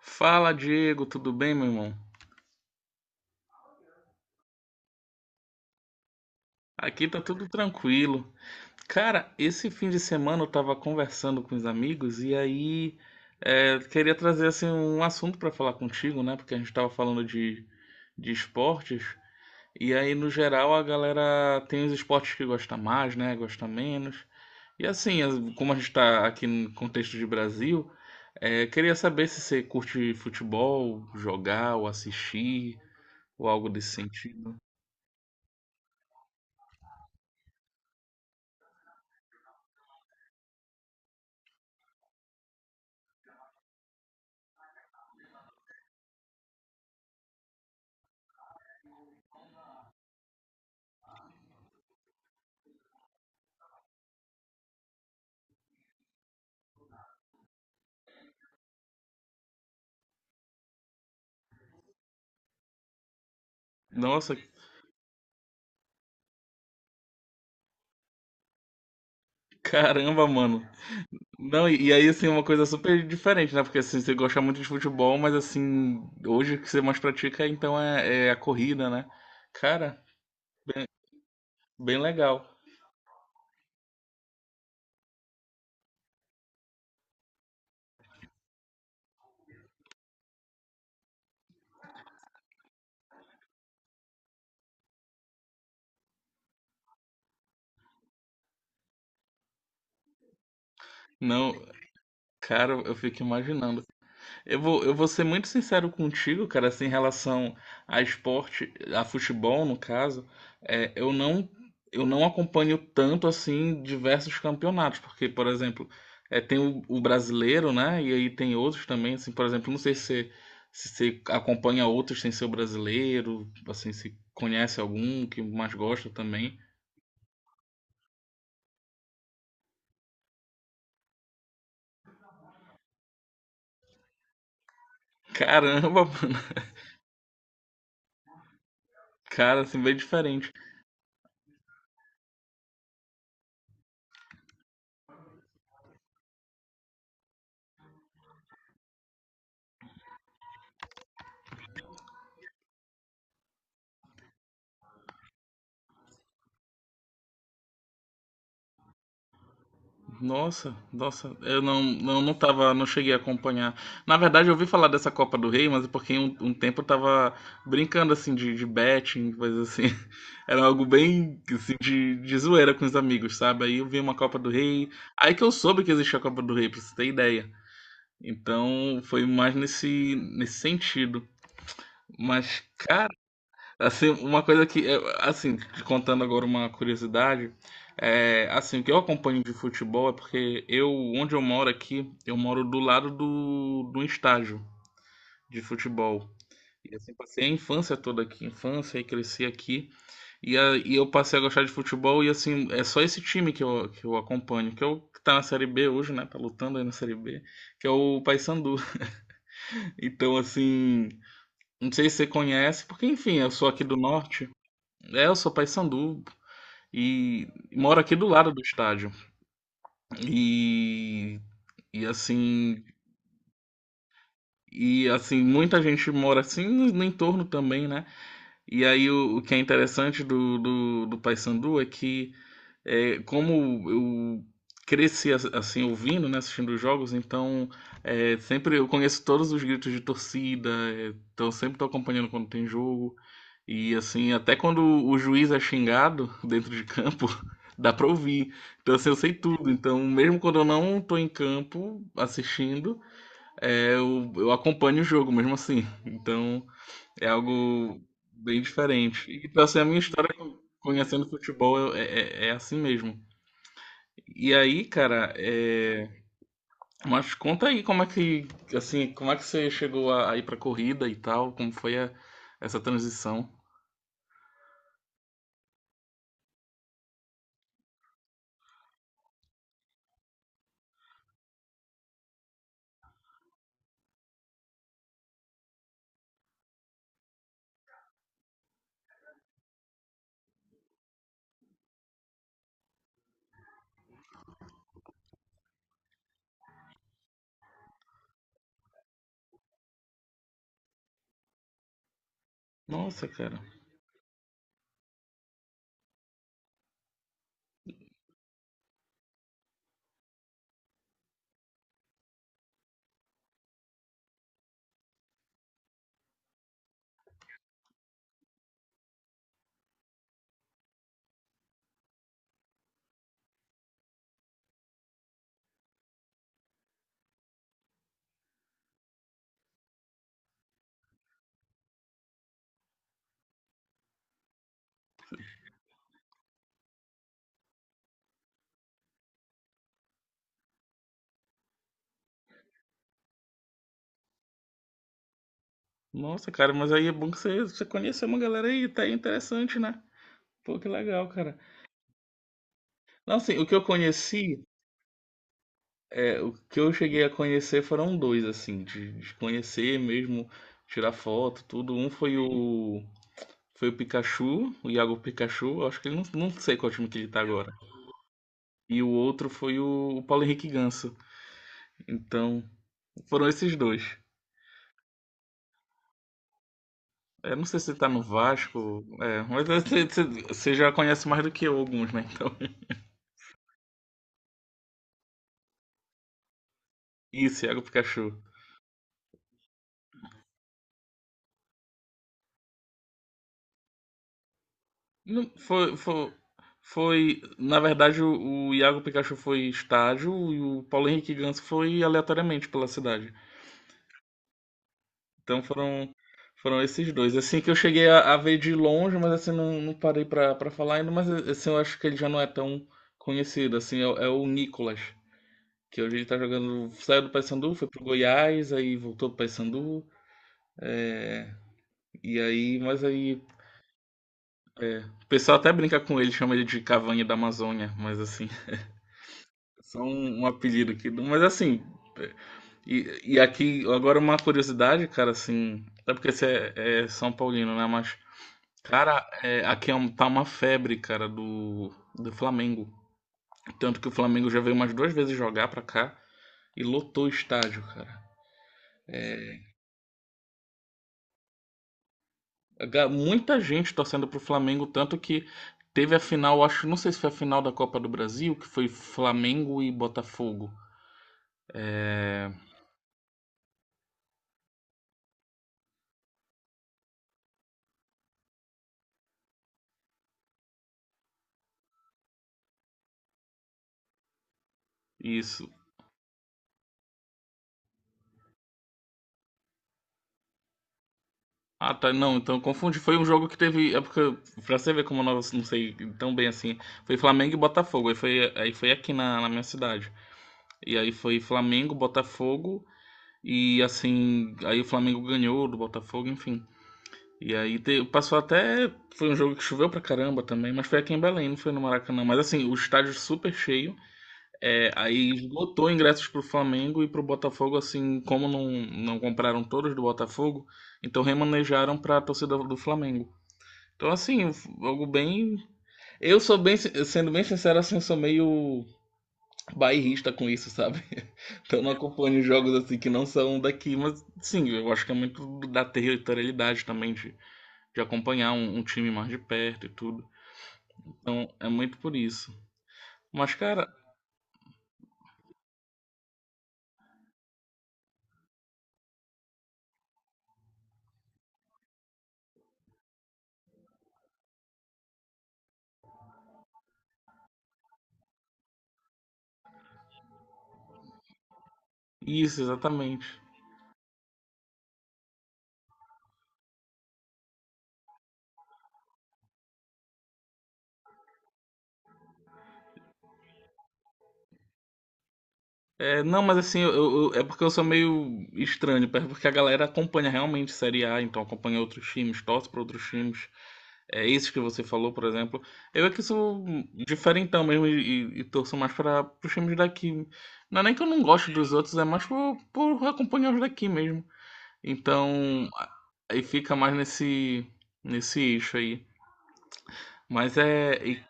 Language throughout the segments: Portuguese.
Fala, Diego, tudo bem, meu irmão? Aqui tá tudo tranquilo. Cara, esse fim de semana eu tava conversando com os amigos e aí queria trazer assim um assunto pra falar contigo, né? Porque a gente tava falando de esportes e aí no geral a galera tem os esportes que gosta mais, né? Gosta menos. E assim, como a gente tá aqui no contexto de Brasil, queria saber se você curte futebol, jogar ou assistir ou algo desse sentido. Nossa, caramba, mano. Não, e aí, assim, uma coisa super diferente, né? Porque, assim, você gosta muito de futebol, mas, assim, hoje o que você mais pratica, então, é a corrida, né? Cara, bem legal. Não, cara, eu fico imaginando. Eu vou ser muito sincero contigo, cara, assim, em relação a esporte, a futebol, no caso, é, eu não, eu não acompanho tanto, assim, diversos campeonatos, porque, por exemplo, tem o, brasileiro, né, e aí tem outros também, assim, por exemplo, não sei se você acompanha outros sem ser o brasileiro, assim, se conhece algum que mais gosta também. Caramba, mano, cara, assim, bem diferente. Nossa, nossa, eu não, não, não tava, não cheguei a acompanhar. Na verdade, eu ouvi falar dessa Copa do Rei, mas é porque um tempo eu tava brincando assim de, betting, coisa assim. Era algo bem assim, de zoeira com os amigos, sabe? Aí eu vi uma Copa do Rei. Aí que eu soube que existia a Copa do Rei, pra você ter ideia. Então foi mais nesse sentido. Mas, assim, uma coisa que, assim, te contando agora uma curiosidade, assim, o que eu acompanho de futebol é porque eu, onde eu moro aqui, eu moro do lado do, estádio de futebol. E assim, passei a infância toda aqui, infância e cresci aqui. E eu passei a gostar de futebol e assim, é só esse time que eu acompanho, que é o que tá na Série B hoje, né? Tá lutando aí na Série B, que é o Paysandu. Então, assim, não sei se você conhece, porque enfim, eu sou aqui do norte. É, eu sou Paysandu. E moro aqui do lado do estádio. E, e assim, e assim, muita gente mora assim no, entorno também, né? E aí o, que é interessante do Paysandu é que, como eu cresci assim ouvindo, né, assistindo os jogos, então sempre eu conheço todos os gritos de torcida, é, então eu sempre estou acompanhando quando tem jogo e assim até quando o juiz é xingado dentro de campo dá para ouvir, então assim eu sei tudo, então mesmo quando eu não estou em campo assistindo, eu acompanho o jogo mesmo assim, então é algo bem diferente. E então assim a minha história conhecendo futebol é assim mesmo. E aí, cara. Mas conta aí como é que você chegou a, ir pra corrida e tal, como foi essa transição? Nossa, cara. Nossa, cara, mas aí é bom que você conheceu uma galera aí, tá aí interessante, né? Pô, que legal, cara. Não, assim, o que eu conheci, o que eu cheguei a conhecer foram dois, assim, de conhecer mesmo, tirar foto, tudo. Um foi o Pikachu, o Iago Pikachu, eu acho que ele não, não sei qual time que ele tá agora. E o outro foi o Paulo Henrique Ganso. Então, foram esses dois. Eu não sei se ele tá no Vasco, mas você já conhece mais do que eu alguns, né? Então, isso Iago Pikachu. Não, foi, na verdade, o, Iago Pikachu foi estádio e o Paulo Henrique Ganso foi aleatoriamente pela cidade. Então, foram esses dois. Assim que eu cheguei a, ver de longe, mas assim, não, não parei pra falar ainda, mas assim, eu acho que ele já não é tão conhecido, assim, é o Nicolas. Que hoje ele tá jogando. Saiu do Paysandu, foi pro Goiás, aí voltou pro Paysandu. E aí, mas aí, o pessoal até brinca com ele, chama ele de Cavanha da Amazônia, mas assim. Só um apelido aqui. Mas assim, é, e aqui, agora uma curiosidade, cara, assim. Até porque você é São Paulino, né? Mas, cara, aqui é tá uma febre, cara, do, Flamengo. Tanto que o Flamengo já veio umas duas vezes jogar pra cá e lotou o estádio, cara. Muita gente torcendo pro Flamengo, tanto que teve a final, acho, não sei se foi a final da Copa do Brasil, que foi Flamengo e Botafogo. É, isso. Ah, tá, não, então eu confundi. Foi um jogo que teve, é porque pra você ver como eu não, não sei tão bem assim, foi Flamengo e Botafogo. Aí foi aqui na minha cidade. E aí foi Flamengo, Botafogo e assim, aí o Flamengo ganhou do Botafogo, enfim. E aí passou até. Foi um jogo que choveu pra caramba também, mas foi aqui em Belém, não foi no Maracanã. Mas assim, o estádio é super cheio. É, aí esgotou ingressos pro Flamengo e pro Botafogo, assim, como não, não compraram todos do Botafogo, então remanejaram pra torcida do Flamengo. Então, assim, algo bem. Eu sou sendo bem sincero, assim, eu sou meio bairrista com isso, sabe? Então não acompanho jogos assim que não são daqui, mas sim, eu acho que é muito da territorialidade também de acompanhar um time mais de perto e tudo. Então é muito por isso. Mas, cara, isso exatamente. É, não, mas assim, é porque eu sou meio estranho, é porque a galera acompanha realmente Série A, então acompanha outros times, torce para outros times. É, esses que você falou, por exemplo. Eu é que sou diferentão mesmo e torço mais para os times daqui. Não é nem que eu não gosto dos outros, é mais por, acompanhar os daqui mesmo. Então, aí fica mais nesse eixo aí. Mas é. E,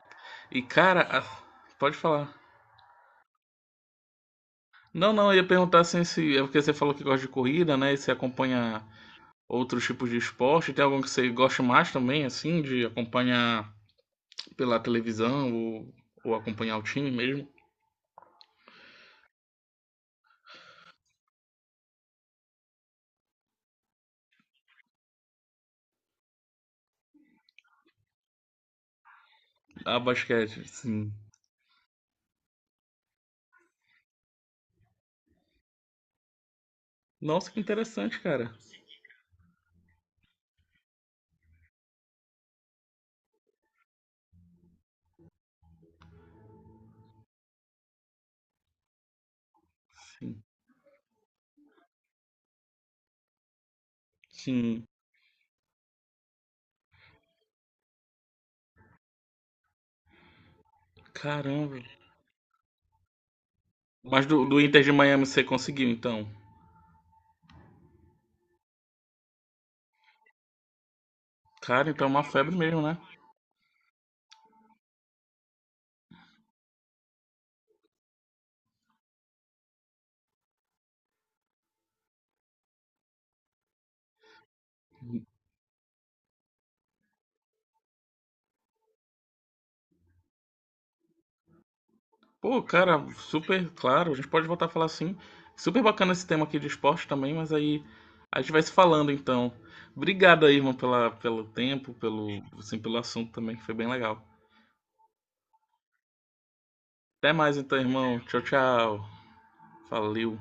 e, cara, pode falar. Não, não, eu ia perguntar assim se. É porque você falou que gosta de corrida, né? E você acompanha outros tipos de esporte. Tem algum que você gosta mais também, assim, de acompanhar pela televisão ou, acompanhar o time mesmo? Ah, basquete, sim. Nossa, que interessante, cara. Sim. Sim. Caramba. Mas do Inter de Miami você conseguiu, então? Cara, então é uma febre mesmo, né? Pô, cara, super claro. A gente pode voltar a falar assim. Super bacana esse tema aqui de esporte também, mas aí a gente vai se falando então. Obrigado aí, irmão, pela, pelo tempo, pelo, assim, pelo assunto também, que foi bem legal. Até mais então, irmão. Tchau, tchau. Valeu.